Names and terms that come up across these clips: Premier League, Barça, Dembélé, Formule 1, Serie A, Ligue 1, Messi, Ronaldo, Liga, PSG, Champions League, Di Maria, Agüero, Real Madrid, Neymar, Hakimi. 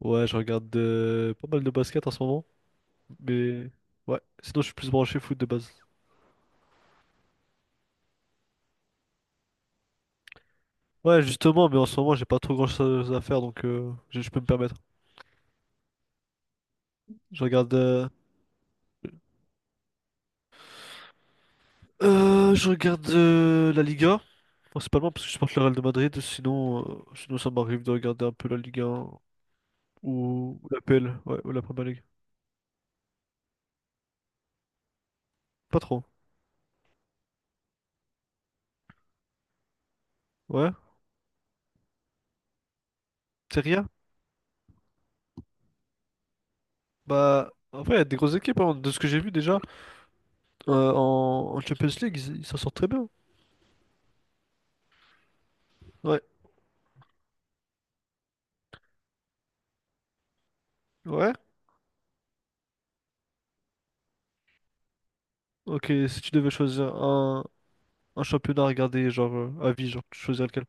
Ouais, je regarde pas mal de basket en ce moment, mais ouais, sinon je suis plus branché foot de base. Ouais, justement, mais en ce moment j'ai pas trop grand-chose à faire, donc je peux me permettre. Je regarde, euh, je regarde la Liga, principalement parce que je supporte le Real de Madrid, sinon, sinon ça m'arrive de regarder un peu la Ligue 1 ou la P L, ouais, ou la Premier League. Pas trop, ouais. Serie A? Bah, en vrai, il y a des grosses équipes, hein, de ce que j'ai vu déjà, en Champions League, ils s'en sortent très bien. Ouais. Ouais, ok, si tu devais choisir un championnat à regarder, genre à vie, genre tu choisirais lequel?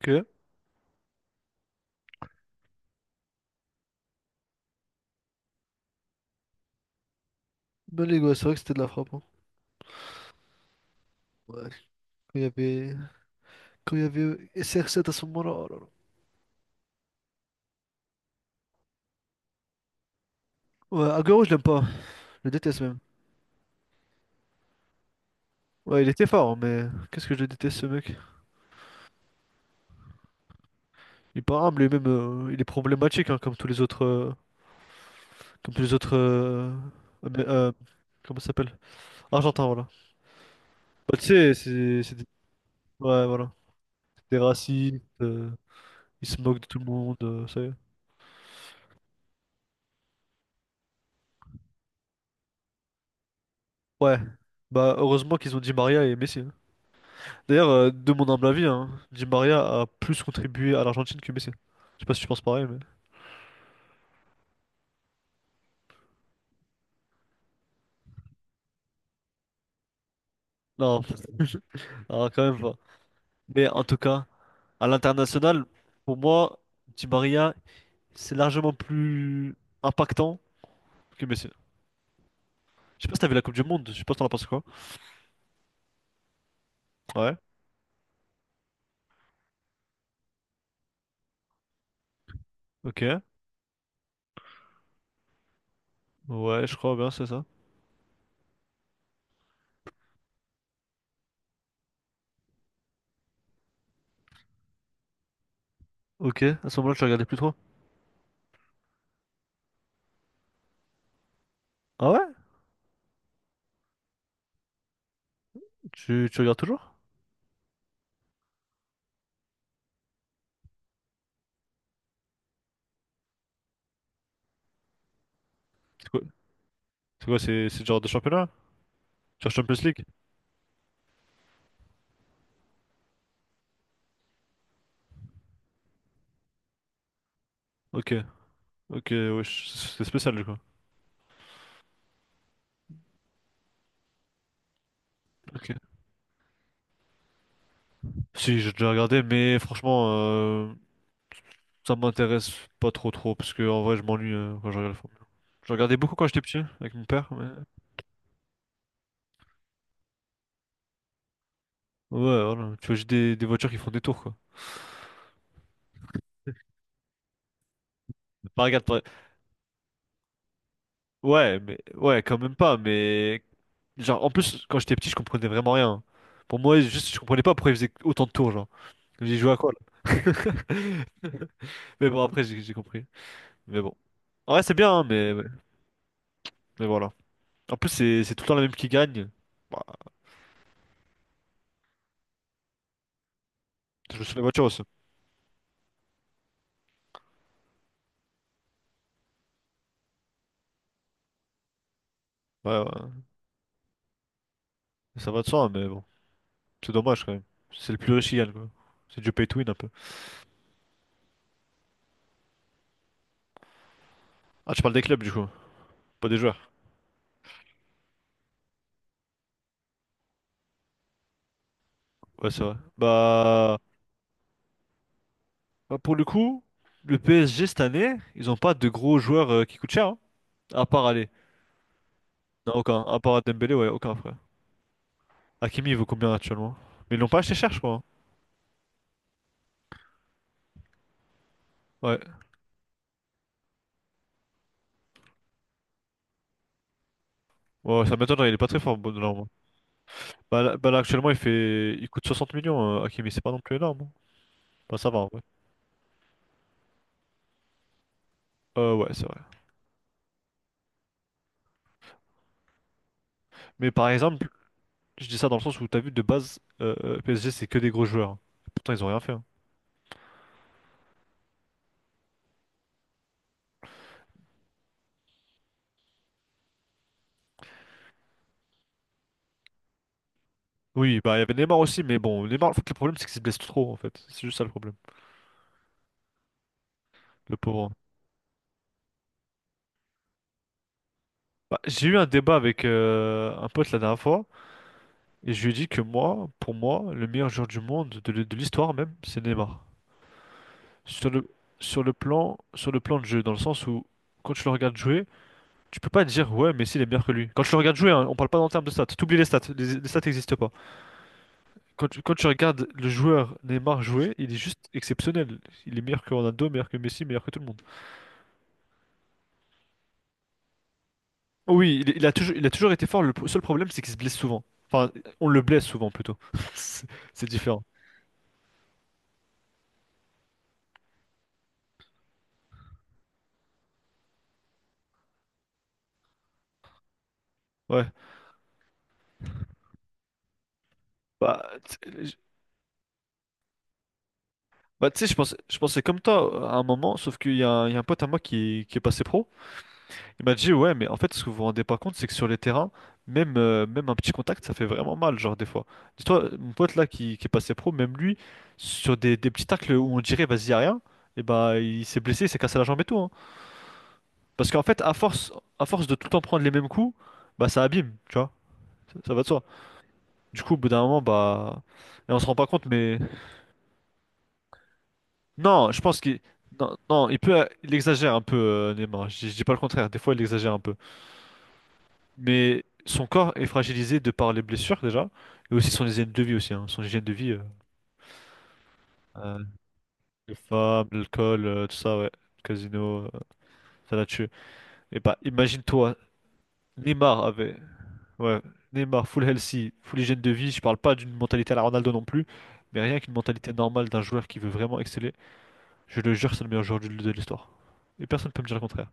Ok. Ben les gars, c'est vrai que c'était de la frappe, hein. Ouais. Quand il y avait, Quand il y avait SR7 à ce moment-là, oh là là. Ouais, Agüero, je l'aime pas. Je le déteste même. Ouais, il était fort, hein, mais qu'est-ce que je le déteste ce mec. Il est pas humble lui-même, il est problématique, hein, comme tous les autres. Comme tous les autres. euh, Amé- euh, Comment ça s'appelle? Argentin, voilà. Bah, tu sais, c'est des. Ouais, voilà. Des racistes, ils se moquent de tout le monde, ça y est. Ouais, bah heureusement qu'ils ont Di Maria et Messi, hein. D'ailleurs, de mon humble avis, hein, Di Maria a plus contribué à l'Argentine que Messi. Je sais pas si tu penses pareil, mais... Non, non, quand même pas. Mais en tout cas, à l'international, pour moi, Di Maria, c'est largement plus impactant que Messi. Je sais pas si t'as vu la Coupe du Monde, je sais pas si t'en as pensé quoi. Ouais, ok. Ouais, je crois bien, c'est ça. Ok, à ce moment-là, tu regardais plus trop. Ah ouais? Tu regardes toujours? C'est quoi? C'est quoi, c'est le genre de championnat? Tu as Champions League? Ok. Ok, ouais, c'est spécial, quoi. Ok. Si, j'ai déjà regardé, mais franchement, ça m'intéresse pas trop trop, parce que en vrai, je m'ennuie quand je regarde la Formule 1. Je regardais beaucoup quand j'étais petit, avec mon père, mais... Ouais, voilà. Tu vois, j'ai des voitures qui font des tours, quoi. Pas regarde, pas... Ouais, mais... Ouais, quand même pas, mais... Genre, en plus, quand j'étais petit, je comprenais vraiment rien. Pour moi, juste, je comprenais pas pourquoi ils faisaient autant de tours, genre. J'ai joué à quoi, là? Mais bon, après, j'ai compris. Mais bon. En vrai, c'est bien, hein, mais... Mais voilà. En plus, c'est tout le temps la même qui gagne. Bah, je me souviens de la voiture aussi. Ouais, ouais. Ça va de soi, mais bon. C'est dommage quand même. C'est le plus riche qui gagne, quoi. C'est du pay to win un peu. Ah, tu parles des clubs du coup, pas des joueurs. Ouais, c'est vrai. Bah, pour le coup, le PSG cette année, ils ont pas de gros joueurs qui coûtent cher, hein. À part aller. Non, aucun. À part Dembélé, ouais, aucun frère. Hakimi, il vaut combien actuellement? Mais ils l'ont pas acheté cher, je crois, hein. Ouais. Ouais, ouais, ça m'étonnerait, il est pas très fort, bon, normalement. Là, actuellement, il fait. Il coûte 60 millions, Hakimi, c'est pas non plus énorme, hein. Bah, ça va, ouais. Ouais, c'est vrai. Mais par exemple, je dis ça dans le sens où t'as vu de base, PSG c'est que des gros joueurs. Pourtant ils ont rien fait, hein. Oui, bah il y avait Neymar aussi, mais bon, Neymar, en fait, le problème c'est qu'il se blesse trop en fait. C'est juste ça le problème, le pauvre. Bah, j'ai eu un débat avec un pote la dernière fois et je lui ai dit que moi, pour moi, le meilleur joueur du monde, de l'histoire même, c'est Neymar. Sur le, Sur le plan de jeu, dans le sens où quand tu le regardes jouer, tu peux pas dire ouais, Messi il est meilleur que lui. Quand tu le regardes jouer, hein, on parle pas en termes de stats. T'oublies les stats, les stats n'existent pas. Quand tu regardes le joueur Neymar jouer, il est juste exceptionnel. Il est meilleur que Ronaldo, meilleur que Messi, meilleur que tout le monde. Oh oui, il a toujours été fort. Le seul problème, c'est qu'il se blesse souvent. Enfin, on le blesse souvent plutôt. C'est c'est différent. Ouais. Bah, t- je- Bah, tu sais, je pensais comme toi à un moment, sauf qu'il y a un pote à moi qui est passé pro. Il m'a dit, ouais, mais en fait, ce que vous vous rendez pas compte, c'est que sur les terrains, même, même un petit contact, ça fait vraiment mal, genre, des fois. Dis-toi, mon pote là qui est passé pro, même lui, sur des petits tacles où on dirait, vas-y, y a rien, et bah, il s'est blessé, il s'est cassé la jambe et tout, hein. Parce qu'en fait, à force de tout le temps prendre les mêmes coups, bah, ça abîme, tu vois. Ça va de soi. Du coup, au bout d'un moment, bah. Et on se rend pas compte, mais. Non, je pense qu'il. Non, non, il peut. Il exagère un peu, Neymar. Je dis pas le contraire. Des fois, il exagère un peu. Mais son corps est fragilisé de par les blessures déjà, et aussi son hygiène de vie aussi, hein. Son hygiène de vie, euh, les femmes, l'alcool, tout ça, ouais, le casino, ça l'a tué. Et bah imagine-toi, Neymar avait, ouais, Neymar full healthy, full hygiène de vie. Je parle pas d'une mentalité à la Ronaldo non plus, mais rien qu'une mentalité normale d'un joueur qui veut vraiment exceller. Je le jure, c'est le meilleur joueur de l'histoire. Et personne peut me dire le contraire.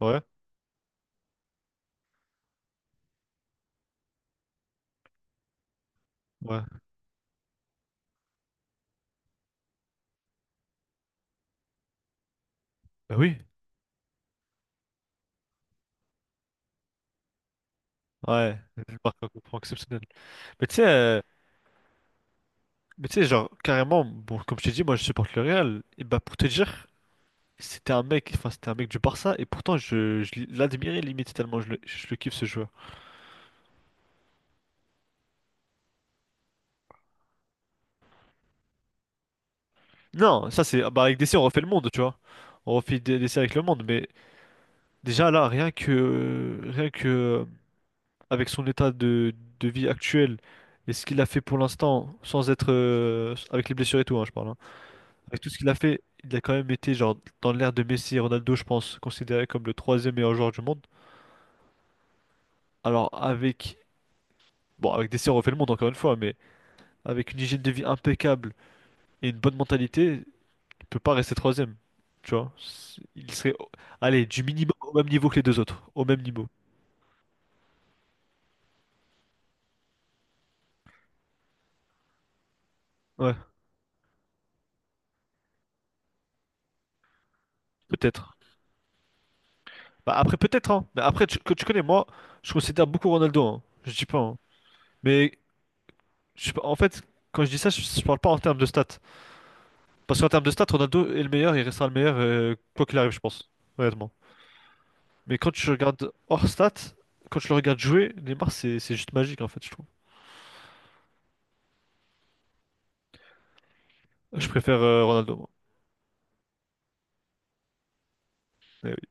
Ouais, ouais, bah oui, ouais, une marque exceptionnelle. Mais tu sais. euh, Mais tu sais, genre, carrément, bon, comme je t'ai dit, moi je supporte le Real. Et bah pour te dire, c'était un mec, enfin c'était un mec du Barça, et pourtant je l'admirais limite tellement je le kiffe ce joueur. Non, ça c'est. Ah, bah avec DC on refait le monde, tu vois. DC avec le monde, mais déjà là, rien que avec son état de vie actuel et ce qu'il a fait pour l'instant, sans être avec les blessures et tout, hein, je parle, hein. Avec tout ce qu'il a fait, il a quand même été genre dans l'ère de Messi et Ronaldo, je pense, considéré comme le troisième meilleur joueur du monde. Alors avec Bon, avec des si on refait le monde encore une fois, mais avec une hygiène de vie impeccable et une bonne mentalité, il peut pas rester troisième. Tu vois? Il serait, allez, du minimum au même niveau que les deux autres. Au même niveau. Ouais, peut-être. Bah après, peut-être, hein. Mais après, que tu connais, moi, je considère beaucoup Ronaldo, hein. Je dis pas, hein. Mais je sais pas- en fait, quand je dis ça, je parle pas en termes de stats. Parce qu'en termes de stats, Ronaldo est le meilleur, il restera le meilleur, quoi qu'il arrive, je pense. Honnêtement. Mais quand tu regardes hors stats, quand tu le regardes jouer, Neymar, c'est juste magique, en fait, je trouve. Je préfère Ronaldo, moi. Mais